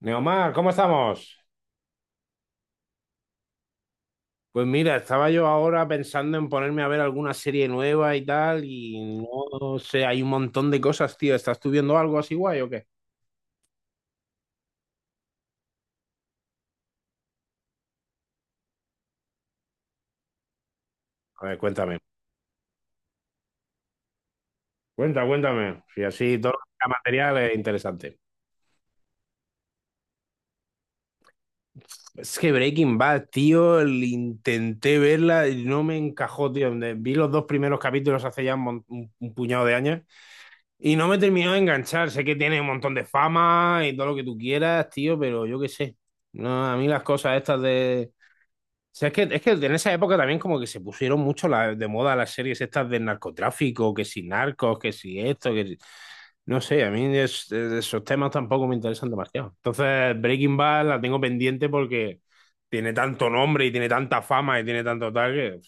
Neomar, ¿cómo estamos? Pues mira, estaba yo ahora pensando en ponerme a ver alguna serie nueva y tal, y no sé, hay un montón de cosas, tío. ¿Estás tú viendo algo así guay o qué? A ver, cuéntame. Cuenta, cuéntame. Si así todo el material es interesante. Es que Breaking Bad, tío, intenté verla y no me encajó, tío. Vi los dos primeros capítulos hace ya un puñado de años. Y no me terminó de enganchar. Sé que tiene un montón de fama y todo lo que tú quieras, tío, pero yo qué sé. No, a mí las cosas estas de. O sea, es que en esa época también como que se pusieron mucho de moda las series estas del narcotráfico, que si narcos, que si esto, que si... No sé, a mí de esos temas tampoco me interesan demasiado. Entonces, Breaking Bad la tengo pendiente porque tiene tanto nombre y tiene tanta fama y tiene tanto tal que...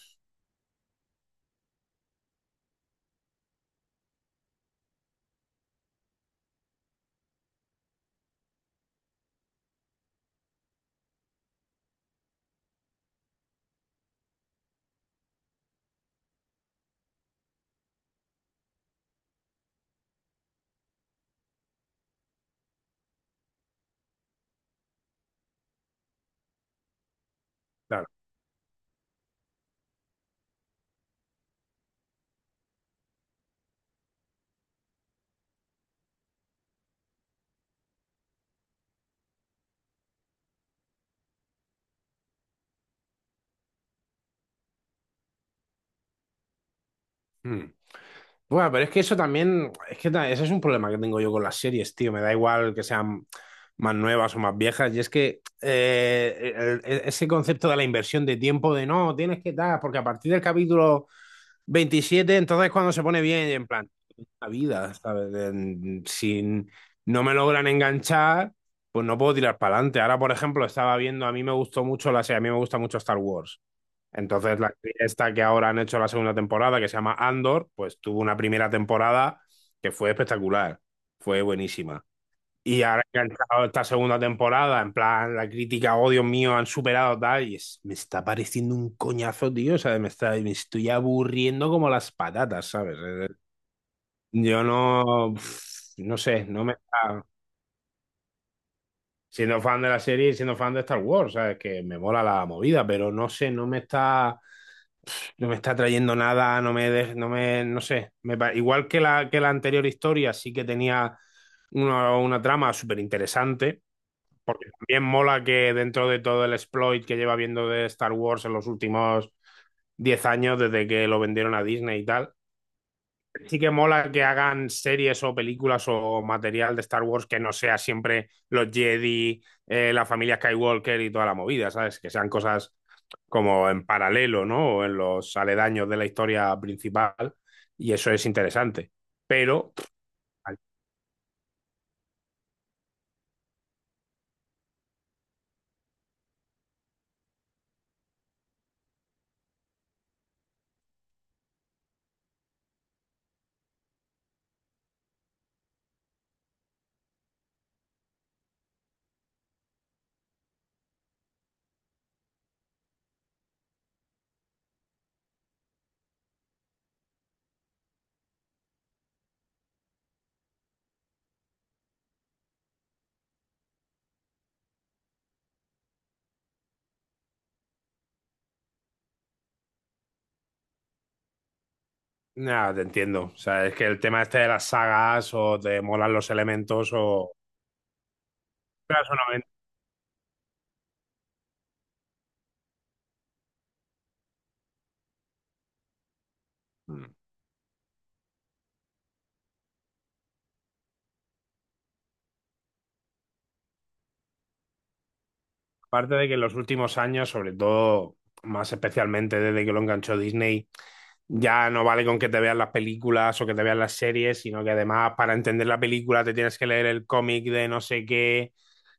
Claro. Bueno, pero es que eso también, es que ese es un problema que tengo yo con las series, tío. Me da igual que sean más nuevas o más viejas. Y es que ese concepto de la inversión de tiempo, de no, tienes que dar, porque a partir del capítulo 27 entonces cuando se pone bien, en plan, la vida, ¿sabes? Si no me logran enganchar, pues no puedo tirar para adelante. Ahora, por ejemplo, estaba viendo, a mí me gustó mucho la serie, a mí me gusta mucho Star Wars. Entonces, la serie esta que ahora han hecho la segunda temporada, que se llama Andor, pues tuvo una primera temporada que fue espectacular, fue buenísima. Y ahora que ha entrado esta segunda temporada, en plan, la crítica, oh Dios mío, han superado tal, y me está pareciendo un coñazo, tío, o sea, me está, me estoy aburriendo como las patatas, ¿sabes? Yo no, pf, no sé, no me está, siendo fan de la serie y siendo fan de Star Wars, ¿sabes? Que me mola la movida, pero no sé, no me está. No me está trayendo nada, no me, no me, no sé. Igual que la anterior historia, sí que tenía una trama súper interesante, porque también mola que dentro de todo el exploit que lleva viendo de Star Wars en los últimos 10 años, desde que lo vendieron a Disney y tal, sí que mola que hagan series o películas o material de Star Wars que no sea siempre los Jedi, la familia Skywalker y toda la movida, ¿sabes? Que sean cosas como en paralelo, ¿no? O en los aledaños de la historia principal, y eso es interesante. Pero, nada, te entiendo. O sea, es que el tema este de las sagas, o te molan los elementos, o... Pero eso no me- aparte de que en los últimos años, sobre todo, más especialmente desde que lo enganchó Disney, ya no vale con que te veas las películas o que te veas las series, sino que además para entender la película te tienes que leer el cómic de no sé qué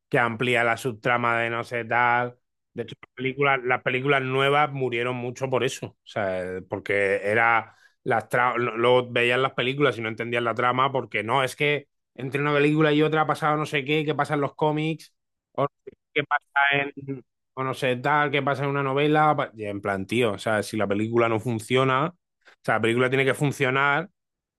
que amplía la subtrama de no sé tal. De hecho, las películas nuevas murieron mucho por eso, o sea, porque era luego veías las películas y no entendías la trama porque no, es que entre una película y otra ha pasado no sé qué, qué pasa en los cómics, o qué pasa en, o no sé tal, qué pasa en una novela, y en plan, tío, o sea, si la película no funciona, o sea, la película tiene que funcionar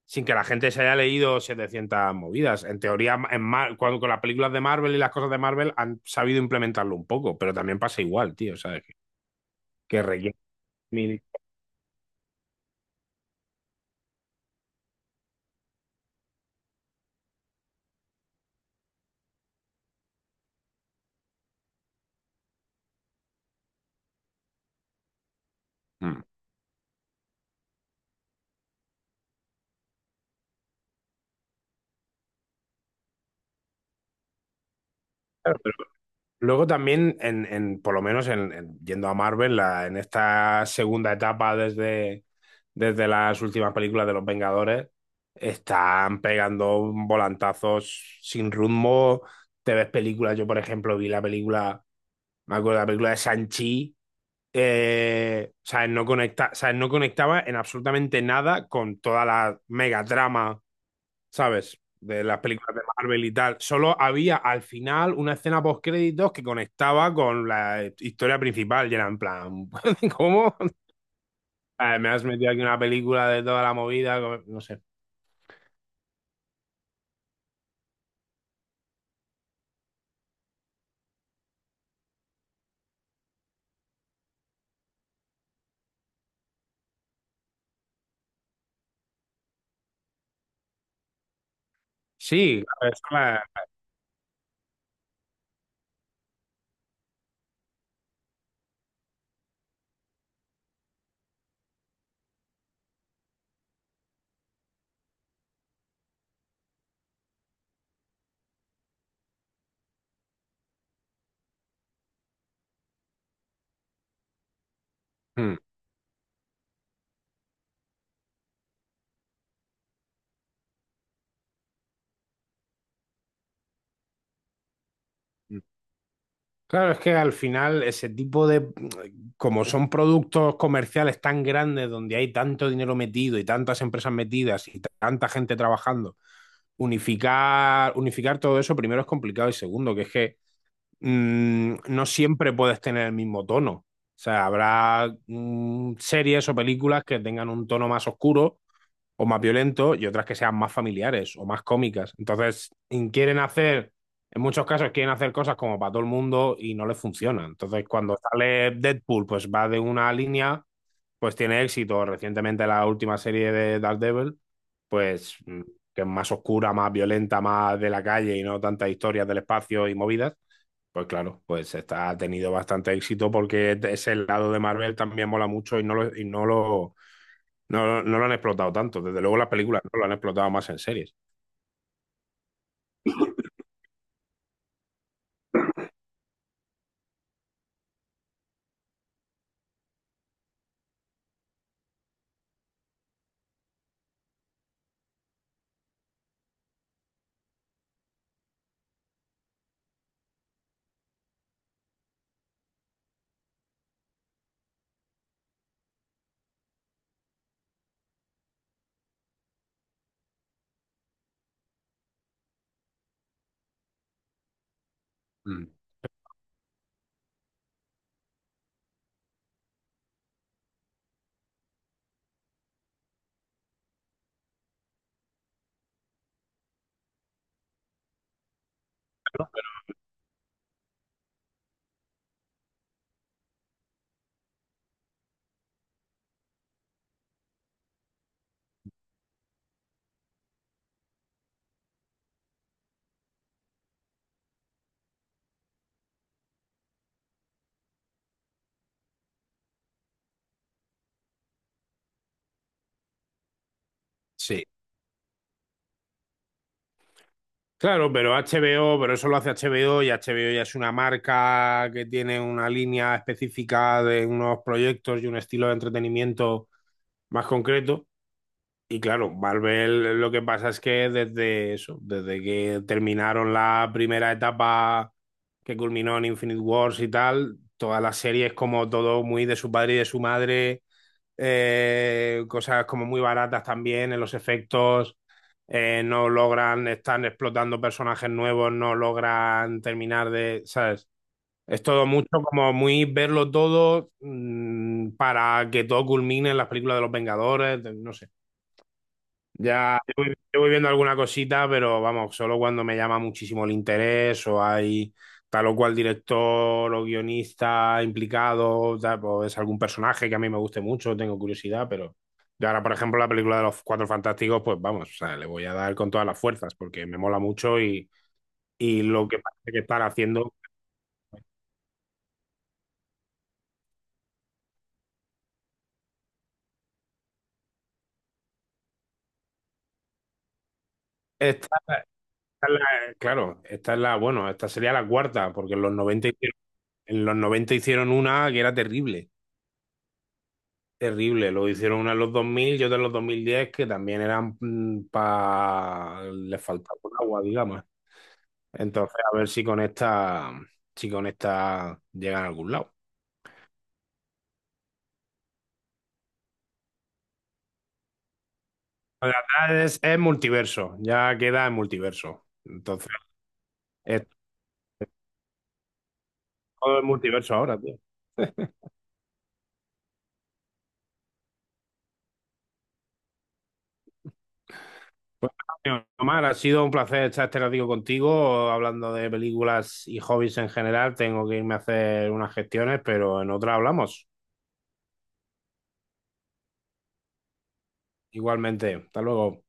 sin que la gente se haya leído 700 movidas. En teoría, en con las películas de Marvel y las cosas de Marvel han sabido implementarlo un poco, pero también pasa igual, tío, ¿sabes? Que requiere mil... Mm. Claro, pero luego también, por lo menos en yendo a Marvel, la, en esta segunda etapa desde las últimas películas de Los Vengadores, están pegando volantazos sin rumbo. Te ves películas, yo por ejemplo vi la película, me acuerdo de la película de Sanchi, o sea, no conecta, o sea, no conectaba en absolutamente nada con toda la mega trama, ¿sabes? De las películas de Marvel y tal. Solo había al final una escena post créditos que conectaba con la historia principal y era en plan, ¿cómo? Me has metido aquí una película de toda la movida, no sé. Sí, a ver, es mm. Claro, es que al final ese tipo de, como son productos comerciales tan grandes donde hay tanto dinero metido y tantas empresas metidas y tanta gente trabajando, unificar todo eso primero es complicado y segundo, que es que no siempre puedes tener el mismo tono. O sea, habrá series o películas que tengan un tono más oscuro o más violentos y otras que sean más familiares o más cómicas. Entonces, quieren hacer, en muchos casos quieren hacer cosas como para todo el mundo y no les funciona. Entonces, cuando sale Deadpool, pues va de una línea, pues tiene éxito. Recientemente la última serie de Daredevil, pues que es más oscura, más violenta, más de la calle y no tantas historias del espacio y movidas. Pues claro, pues está, ha tenido bastante éxito porque ese lado de Marvel también mola mucho no, no lo han explotado tanto. Desde luego las películas no lo han explotado más en series. Mm, sí, claro, pero HBO, pero eso lo hace HBO y HBO ya es una marca que tiene una línea específica de unos proyectos y un estilo de entretenimiento más concreto. Y claro, Marvel lo que pasa es que desde eso, desde que terminaron la primera etapa que culminó en Infinite Wars y tal, todas las series como todo muy de su padre y de su madre cosas como muy baratas también en los efectos, no logran, están explotando personajes nuevos, no logran terminar de, ¿sabes? Es todo mucho como muy verlo todo para que todo culmine en las películas de los Vengadores, de- no sé. Ya, yo voy viendo alguna cosita, pero vamos, solo cuando me llama muchísimo el interés o hay tal o cual director o guionista implicado, tal, o es algún personaje que a mí me guste mucho, tengo curiosidad, pero yo ahora, por ejemplo, la película de los Cuatro Fantásticos, pues vamos, o sea, le voy a dar con todas las fuerzas porque me mola mucho y lo que parece que están haciendo. Esta es claro, esta es la, bueno, esta sería la cuarta, porque en los 90 hicieron- en los 90 hicieron una que era terrible. Terrible, lo hicieron uno en los 2000 y otro en los 2010 que también eran para... les faltaba un agua, digamos. Entonces, a ver si con esta, si con esta llegan a algún lado. La verdad es multiverso, ya queda en multiverso. Entonces, es todo el multiverso ahora, tío. Pues, tío, Omar, ha sido un placer estar este ratito contigo, hablando de películas y hobbies en general. Tengo que irme a hacer unas gestiones, pero en otra hablamos. Igualmente, hasta luego.